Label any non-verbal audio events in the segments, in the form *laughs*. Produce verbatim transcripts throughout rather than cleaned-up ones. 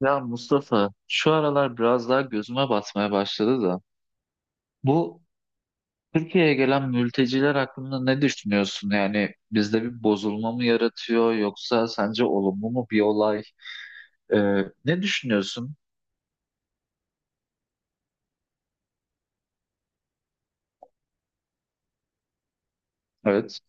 Ya Mustafa, şu aralar biraz daha gözüme batmaya başladı da. Bu Türkiye'ye gelen mülteciler hakkında ne düşünüyorsun? Yani bizde bir bozulma mı yaratıyor yoksa sence olumlu mu bir olay? Ee, ne düşünüyorsun? Evet.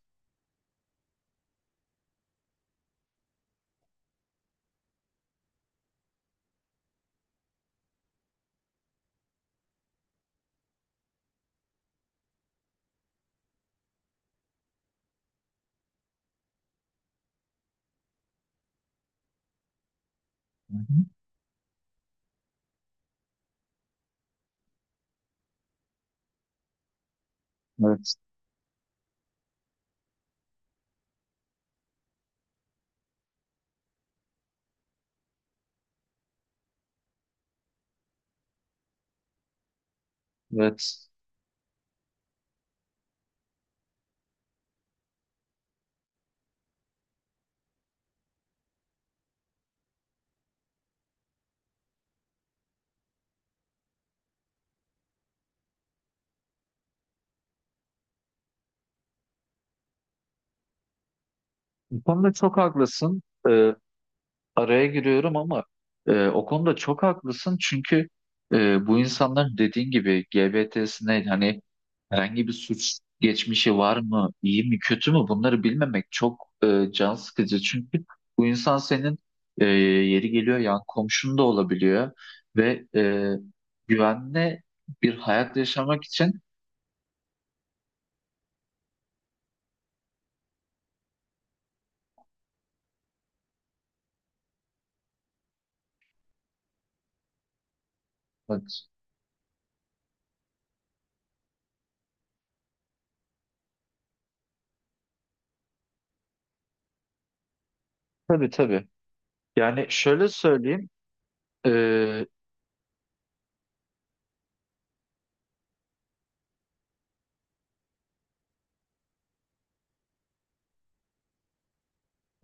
Hı hı. Evet. Evet. Bu konuda çok haklısın. Ee, araya giriyorum ama e, o konuda çok haklısın çünkü e, bu insanlar dediğin gibi G B T'sine hani herhangi bir suç geçmişi var mı, iyi mi, kötü mü, bunları bilmemek çok e, can sıkıcı. Çünkü bu insan senin e, yeri geliyor yan komşun da olabiliyor ve e, güvenli bir hayat yaşamak için bak, tabii tabii. Yani şöyle söyleyeyim, e,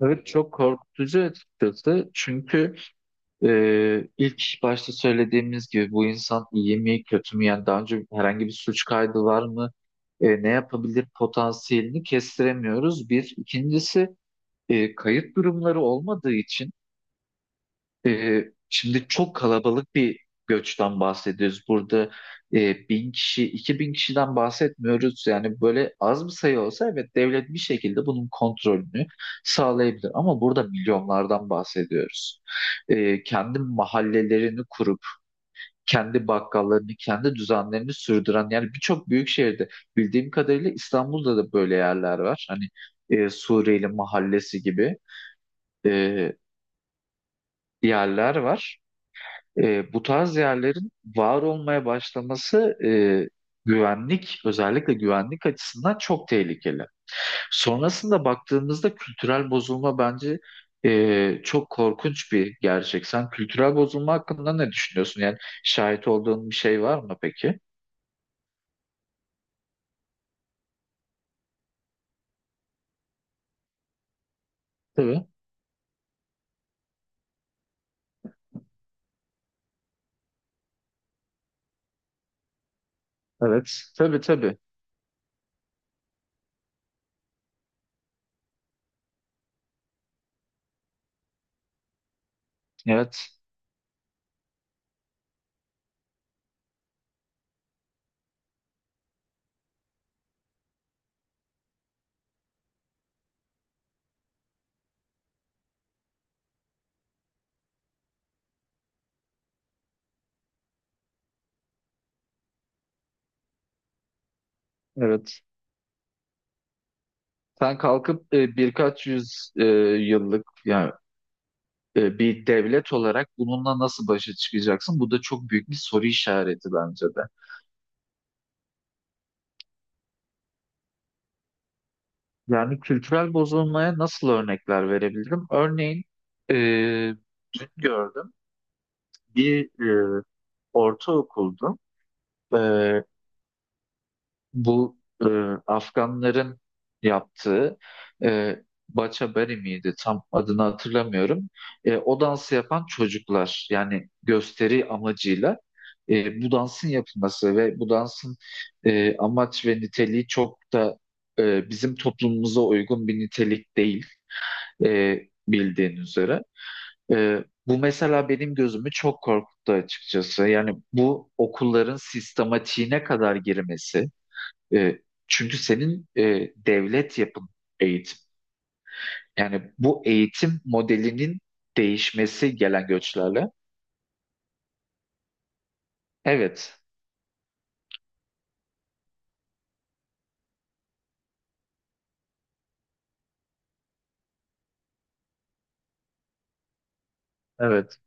evet, çok korkutucu açıkçası çünkü Ee, ilk başta söylediğimiz gibi bu insan iyi mi kötü mü, yani daha önce herhangi bir suç kaydı var mı, Ee, ne yapabilir potansiyelini kestiremiyoruz, bir ikincisi e, kayıp durumları olmadığı için ee, şimdi çok kalabalık bir göçten bahsediyoruz. Burada e, bin kişi, iki bin kişiden bahsetmiyoruz. Yani böyle az bir sayı olsa evet devlet bir şekilde bunun kontrolünü sağlayabilir. Ama burada milyonlardan bahsediyoruz. Ee, kendi mahallelerini kurup, kendi bakkallarını, kendi düzenlerini sürdüren yani birçok büyük şehirde bildiğim kadarıyla İstanbul'da da böyle yerler var. Hani e, Suriyeli mahallesi gibi e, yerler var. E, bu tarz yerlerin var olmaya başlaması e, güvenlik, özellikle güvenlik açısından çok tehlikeli. Sonrasında baktığımızda kültürel bozulma bence e, çok korkunç bir gerçek. Sen kültürel bozulma hakkında ne düşünüyorsun? Yani şahit olduğun bir şey var mı peki? Tabii. Evet. Tabii tabii. Evet. Evet. Sen kalkıp e, birkaç yüz e, yıllık yani e, bir devlet olarak bununla nasıl başa çıkacaksın? Bu da çok büyük bir soru işareti bence de. Yani kültürel bozulmaya nasıl örnekler verebilirim? Örneğin e, dün gördüm bir e, ortaokuldu. E, Bu e, Afganların yaptığı e, Bacha Bari miydi? Tam adını hatırlamıyorum. E, o dansı yapan çocuklar yani gösteri amacıyla e, bu dansın yapılması ve bu dansın e, amaç ve niteliği çok da e, bizim toplumumuza uygun bir nitelik değil, e, bildiğin üzere. E, bu mesela benim gözümü çok korkuttu açıkçası. Yani bu okulların sistematiğine kadar girmesi. E, çünkü senin e, devlet yapın, eğitim. Yani bu eğitim modelinin değişmesi gelen göçlerle. Evet, evet.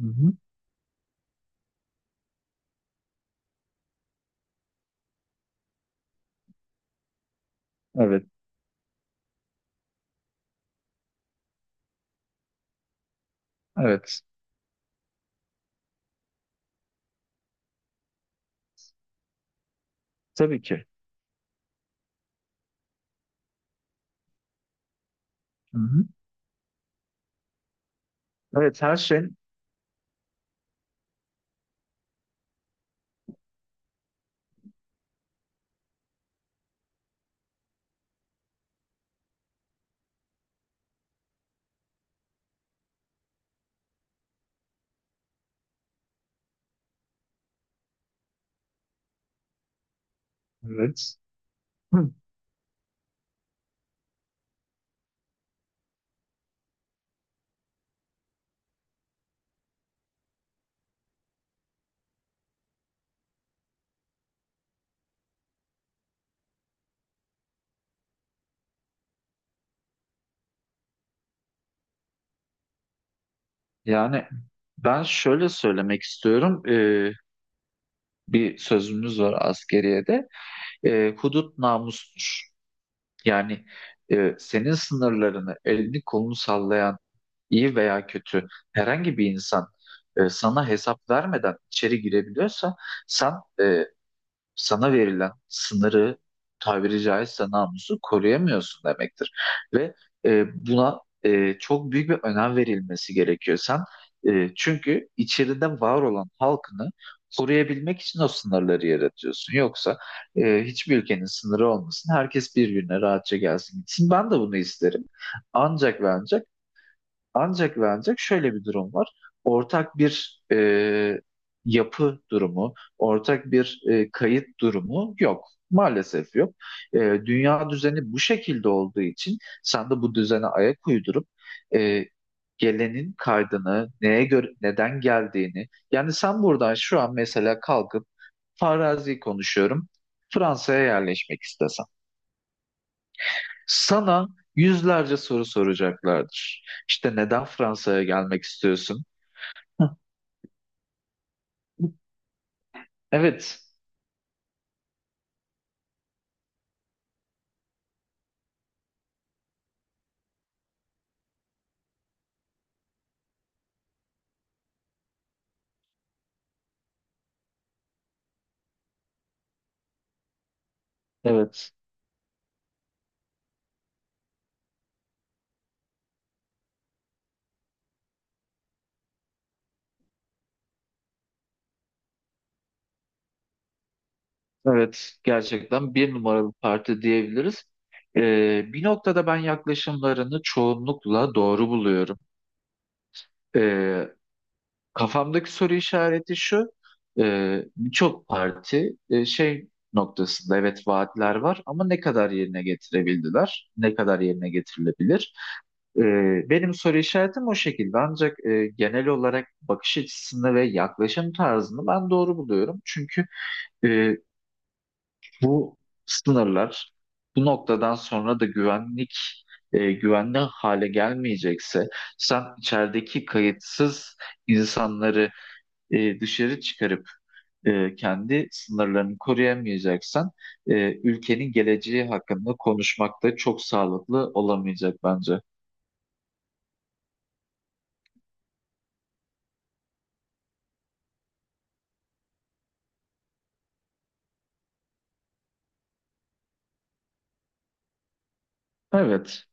Hı hı. Evet, evet. Tabii ki. Hı hı. Evet, her şey. Evet. Hı. Yani ben şöyle söylemek istiyorum. E, bir sözümüz var askeriyede. E, hudut namustur. Yani e, senin sınırlarını, elini kolunu sallayan iyi veya kötü herhangi bir insan e, sana hesap vermeden içeri girebiliyorsa sen e, sana verilen sınırı, tabiri caizse namusu koruyamıyorsun demektir. Ve e, buna e, çok büyük bir önem verilmesi gerekiyor. Sen e, çünkü içeride var olan halkını koruyabilmek için o sınırları yaratıyorsun. Yoksa e, hiçbir ülkenin sınırı olmasın. Herkes bir gününe rahatça gelsin gitsin. Ben de bunu isterim. Ancak ve ancak ancak ve ancak şöyle bir durum var. Ortak bir e, yapı durumu, ortak bir e, kayıt durumu yok. Maalesef yok. E, dünya düzeni bu şekilde olduğu için sen de bu düzene ayak uydurup e, gelenin kaydını, neye göre, neden geldiğini. Yani sen buradan şu an mesela kalkıp farazi konuşuyorum. Fransa'ya yerleşmek istesen. Sana yüzlerce soru soracaklardır. İşte neden Fransa'ya gelmek istiyorsun? *laughs* Heh. Evet, evet, evet. Gerçekten bir numaralı parti diyebiliriz. Ee, bir noktada ben yaklaşımlarını çoğunlukla doğru buluyorum. Ee, kafamdaki soru işareti şu, e, birçok parti e, şey noktasında evet vaatler var ama ne kadar yerine getirebildiler, ne kadar yerine getirilebilir? Ee, benim soru işaretim o şekilde, ancak e, genel olarak bakış açısını ve yaklaşım tarzını ben doğru buluyorum. Çünkü e, Bu sınırlar, bu noktadan sonra da güvenlik e, güvenli hale gelmeyecekse, sen içerideki kayıtsız insanları e, dışarı çıkarıp e, kendi sınırlarını koruyamayacaksan e, ülkenin geleceği hakkında konuşmak da çok sağlıklı olamayacak bence. Evet,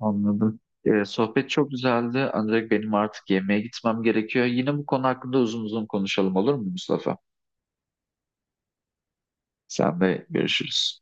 anladım. E, sohbet çok güzeldi ancak benim artık yemeğe gitmem gerekiyor. Yine bu konu hakkında uzun uzun konuşalım, olur mu Mustafa? Sen de görüşürüz.